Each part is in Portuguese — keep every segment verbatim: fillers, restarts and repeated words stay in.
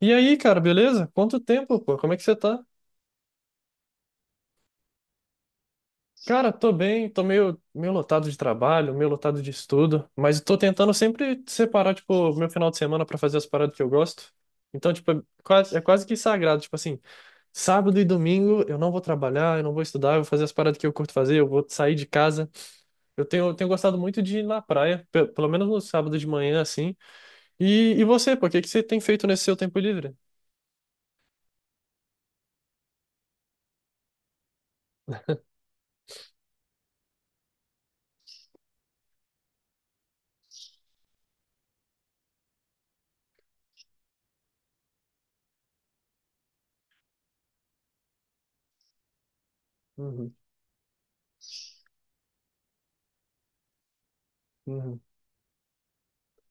E aí, cara, beleza? Quanto tempo, pô? Como é que você tá? Cara, tô bem, tô meio, meio lotado de trabalho, meio lotado de estudo, mas tô tentando sempre separar, tipo, meu final de semana pra fazer as paradas que eu gosto. Então, tipo, é quase, é quase que sagrado, tipo assim, sábado e domingo eu não vou trabalhar, eu não vou estudar, eu vou fazer as paradas que eu curto fazer, eu vou sair de casa. Eu tenho, eu tenho gostado muito de ir na praia, pe- pelo menos no sábado de manhã, assim. E, e você, pô, o que que você tem feito nesse seu tempo livre? Uhum, uhum.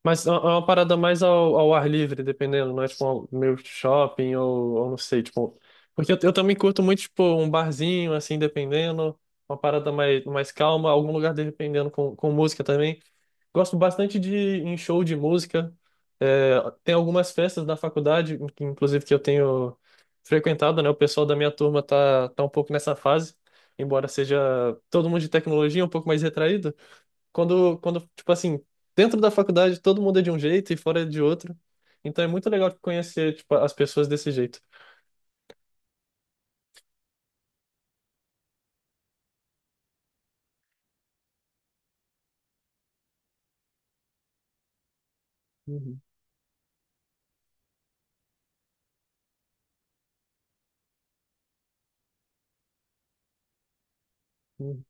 Mas é uma parada mais ao, ao ar livre, dependendo, não é tipo ao- meio shopping ou, ou não sei, tipo. Porque eu, eu também curto muito, tipo, um barzinho, assim, dependendo, uma parada mais, mais calma, algum lugar dependendo com, com música também. Gosto bastante de ir em show de música. É, tem algumas festas da faculdade, que, inclusive, que eu tenho frequentado, né? O pessoal da minha turma tá, tá um pouco nessa fase, embora seja todo mundo de tecnologia, um pouco mais retraído quando, quando, tipo assim, dentro da faculdade todo mundo é de um jeito e fora é de outro. Então é muito legal conhecer, tipo, as pessoas desse jeito. Uhum, uhum,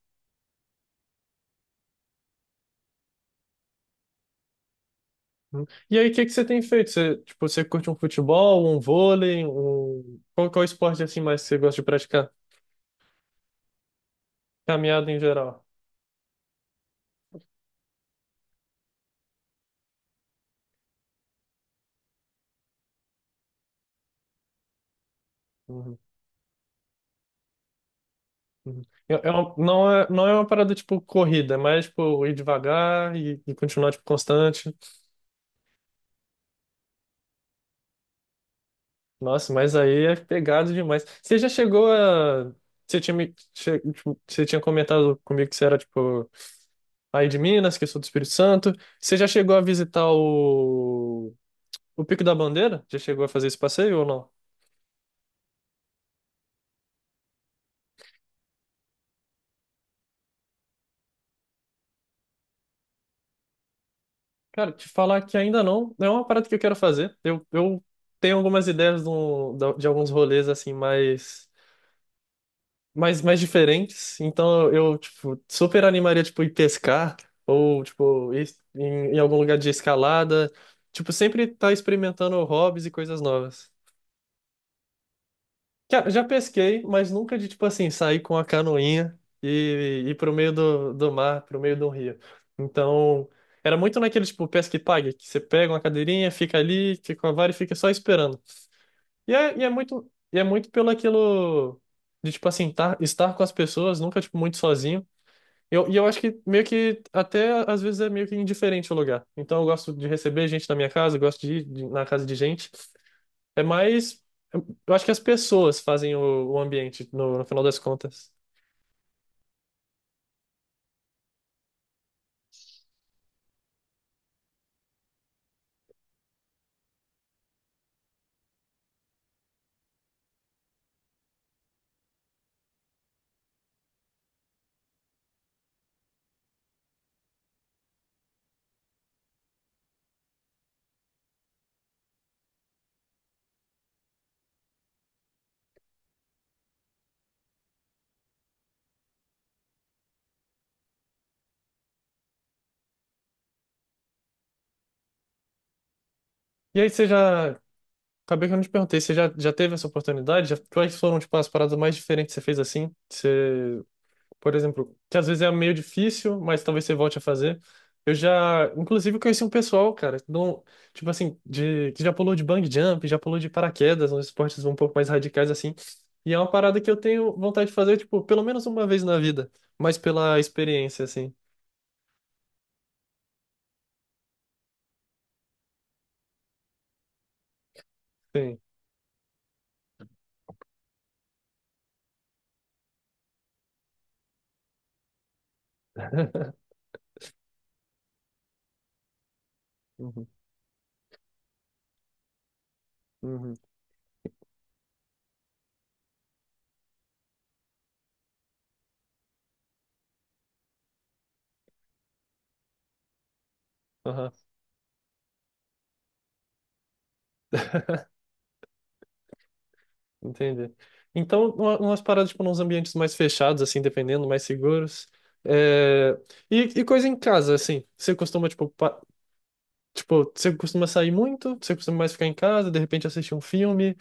uhum. E aí, o que que você tem feito? Você, tipo, você curte um futebol, um vôlei, um... Qual, qual esporte assim mais você gosta de praticar? Caminhada em geral. Uhum, uhum. É- é uma- não é, não é uma parada tipo corrida, é mais tipo ir devagar e, e continuar tipo constante. Nossa, mas aí é pegado demais. Você já chegou a. Você tinha, me... che- tipo, você tinha comentado comigo que você era, tipo, aí de Minas, que eu sou do Espírito Santo. Você já chegou a visitar o. O Pico da Bandeira? Já chegou a fazer esse passeio ou não? Cara, te falar que ainda não. É uma parada que eu quero fazer. Eu, eu tenho algumas ideias de, um- da- de alguns rolês, assim, mais. Mas mais diferentes. Então eu, tipo, super animaria, tipo, ir pescar ou, tipo, ir em, em algum lugar de escalada. Tipo, sempre tá experimentando hobbies e coisas novas. Já, já pesquei, mas nunca de, tipo assim, sair com a canoinha e ir pro meio do, do mar, pro meio do rio. Então, era muito naquele, tipo, pesca e pague, que você pega uma cadeirinha, fica ali, fica com a vara e fica só esperando. E é, e é muito, e é muito pelo aquilo de, tipo assim, tá, estar com as pessoas, nunca, tipo, muito sozinho. Eu, e eu acho que meio que até às vezes é meio que indiferente o lugar. Então eu gosto de receber gente na minha casa, eu gosto de ir de- na casa de gente. É mais. Eu acho que as pessoas fazem o, o ambiente no, no final das contas. E aí você já. Acabei que eu não te perguntei, você já, já teve essa oportunidade? Já, quais foram, tipo, as paradas mais diferentes que você fez assim? Você por exemplo, que às vezes é meio difícil, mas talvez você volte a fazer. Eu já, inclusive, conheci um pessoal, cara, não, tipo assim, de, que já pulou de bungee jump, já pulou de paraquedas, uns esportes um pouco mais radicais assim. E é uma parada que eu tenho vontade de fazer, tipo, pelo menos uma vez na vida, mas pela experiência, assim. Sim. Uhum, uhum, aham, entendi. Então, uma- umas paradas, tipo, nos ambientes mais fechados, assim, dependendo, mais seguros. É, E, e coisa em casa, assim, você costuma, tipo, pa- tipo, você costuma sair muito? Você costuma mais ficar em casa, de repente assistir um filme,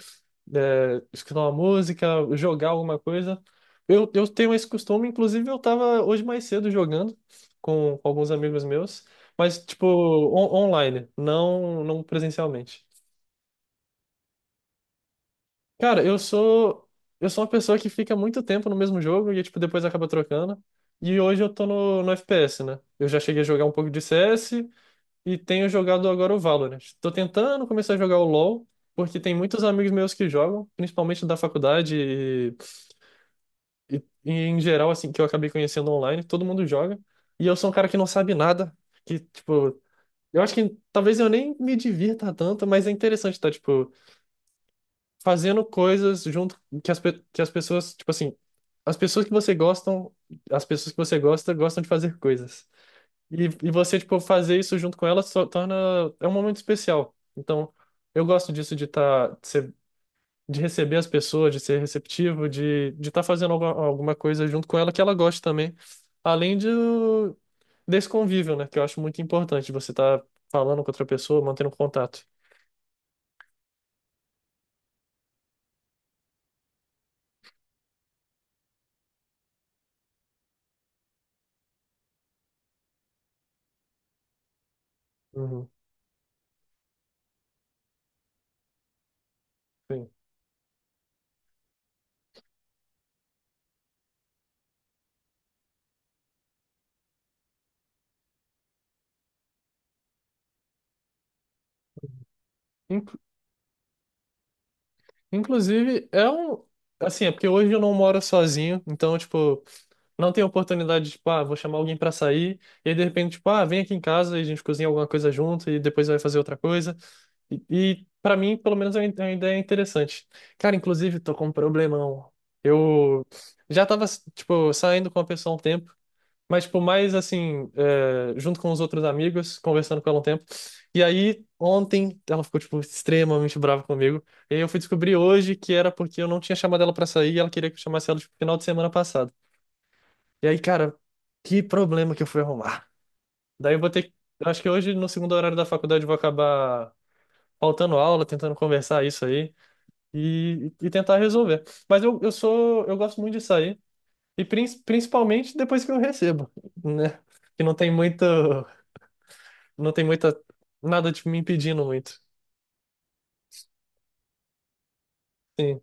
é, escutar uma música, jogar alguma coisa? Eu, eu tenho esse costume, inclusive eu tava hoje mais cedo jogando com, alguns amigos meus, mas tipo, on- online, não, não presencialmente. Cara, eu sou, eu sou uma pessoa que fica muito tempo no mesmo jogo e tipo, depois acaba trocando. E hoje eu tô no, no F P S, né? Eu já cheguei a jogar um pouco de C S, e tenho jogado agora o Valorant. Tô tentando começar a jogar o LoL, porque tem muitos amigos meus que jogam, principalmente da faculdade e, e, e em geral, assim, que eu acabei conhecendo online, todo mundo joga. E eu sou um cara que não sabe nada, que, tipo, eu acho que talvez eu nem me divirta tanto, mas é interessante estar, tipo, fazendo coisas junto que as, pe- que as pessoas, tipo assim, as pessoas que você gostam, as pessoas que você gosta, gostam de fazer coisas. E, e você, tipo, fazer isso junto com ela só torna. É um momento especial. Então, eu gosto disso de tá, de ser- de receber as pessoas, de ser receptivo, de de estar fazendo alguma, alguma coisa junto com ela que ela goste também. Além de, desse convívio, né? Que eu acho muito importante. Você tá falando com outra pessoa, mantendo contato. Uhum, sim. Inclusive, é um. Assim, é porque hoje eu não moro sozinho, então, tipo, não tenho oportunidade de, tipo, ah, vou chamar alguém pra sair, e aí de repente, tipo, ah, vem aqui em casa e a gente cozinha alguma coisa junto e depois vai fazer outra coisa. E, e para mim, pelo menos, é uma é uma ideia interessante. Cara, inclusive, tô com um problemão. Eu já tava, tipo, saindo com a pessoa há um tempo, mas, tipo, mais assim, é, junto com os outros amigos, conversando com ela um tempo. E aí, ontem, ela ficou, tipo, extremamente brava comigo. E aí eu fui descobrir hoje que era porque eu não tinha chamado ela pra sair e ela queria que eu chamasse ela, tipo, final de semana passado. E aí, cara, que problema que eu fui arrumar. Daí eu vou ter que... Eu acho que hoje, no segundo horário da faculdade, eu vou acabar faltando aula, tentando conversar isso aí e, e tentar resolver. Mas eu, eu sou... Eu gosto muito de sair. E prin- principalmente depois que eu recebo, né? Que não tem muito. Não tem muita, nada, tipo, me impedindo muito. Sim.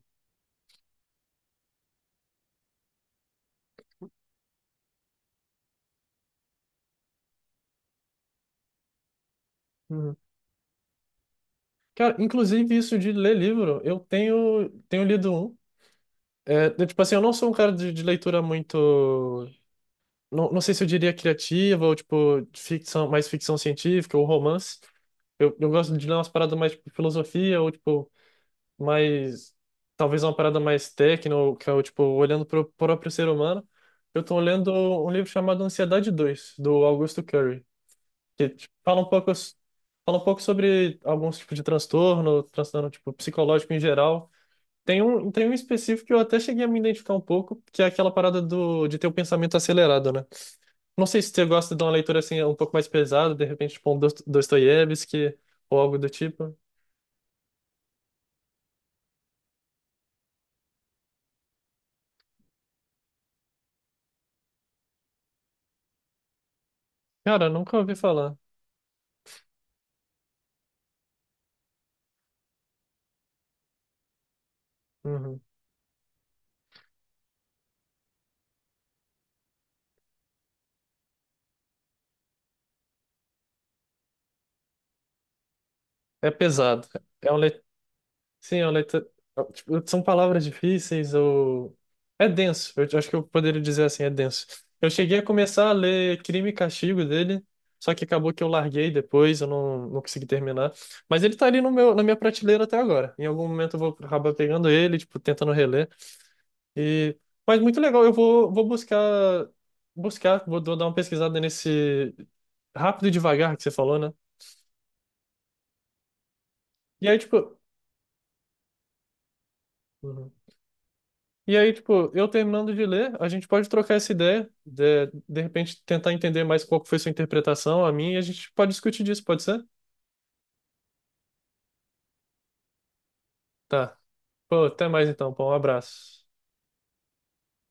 Uhum. Cara, inclusive isso de ler livro, eu tenho, tenho lido um. É, eu, tipo assim, eu não sou um cara de, de leitura muito. Não, não sei se eu diria criativa ou, tipo, de ficção, mais ficção científica ou romance. Eu, eu gosto de ler umas paradas mais, tipo, filosofia ou, tipo, mais. Talvez uma parada mais técnica, ou, tipo, olhando para o próprio ser humano. Eu tô lendo um livro chamado Ansiedade dois do Augusto Curry, que fala um pouco, fala um pouco sobre alguns tipos de transtorno, transtorno tipo psicológico em geral. Tem um, tem um específico que eu até cheguei a me identificar um pouco, que é aquela parada do, de ter o pensamento acelerado, né? Não sei se você gosta de uma leitura assim um pouco mais pesada, de repente tipo um Dost- Dostoiévski ou algo do tipo. Cara, nunca ouvi falar. Uhum. É pesado. É um, le- Sim, a letra. É, tipo, são palavras difíceis ou. É denso, eu acho que eu poderia dizer assim, é denso. Eu cheguei a começar a ler Crime e Castigo dele, só que acabou que eu larguei depois, eu não, não consegui terminar. Mas ele tá ali no meu, na minha prateleira até agora. Em algum momento eu vou acabar pegando ele, tipo, tentando reler. E... Mas muito legal, eu vou, vou buscar, buscar, vou dar uma pesquisada nesse Rápido e Devagar que você falou, né? E aí, tipo. Uhum. E aí, tipo, eu terminando de ler, a gente pode trocar essa ideia, de, de repente tentar entender mais qual que foi sua interpretação, a minha, e a gente pode discutir disso, pode ser? Tá. Pô, até mais então, pô, um abraço.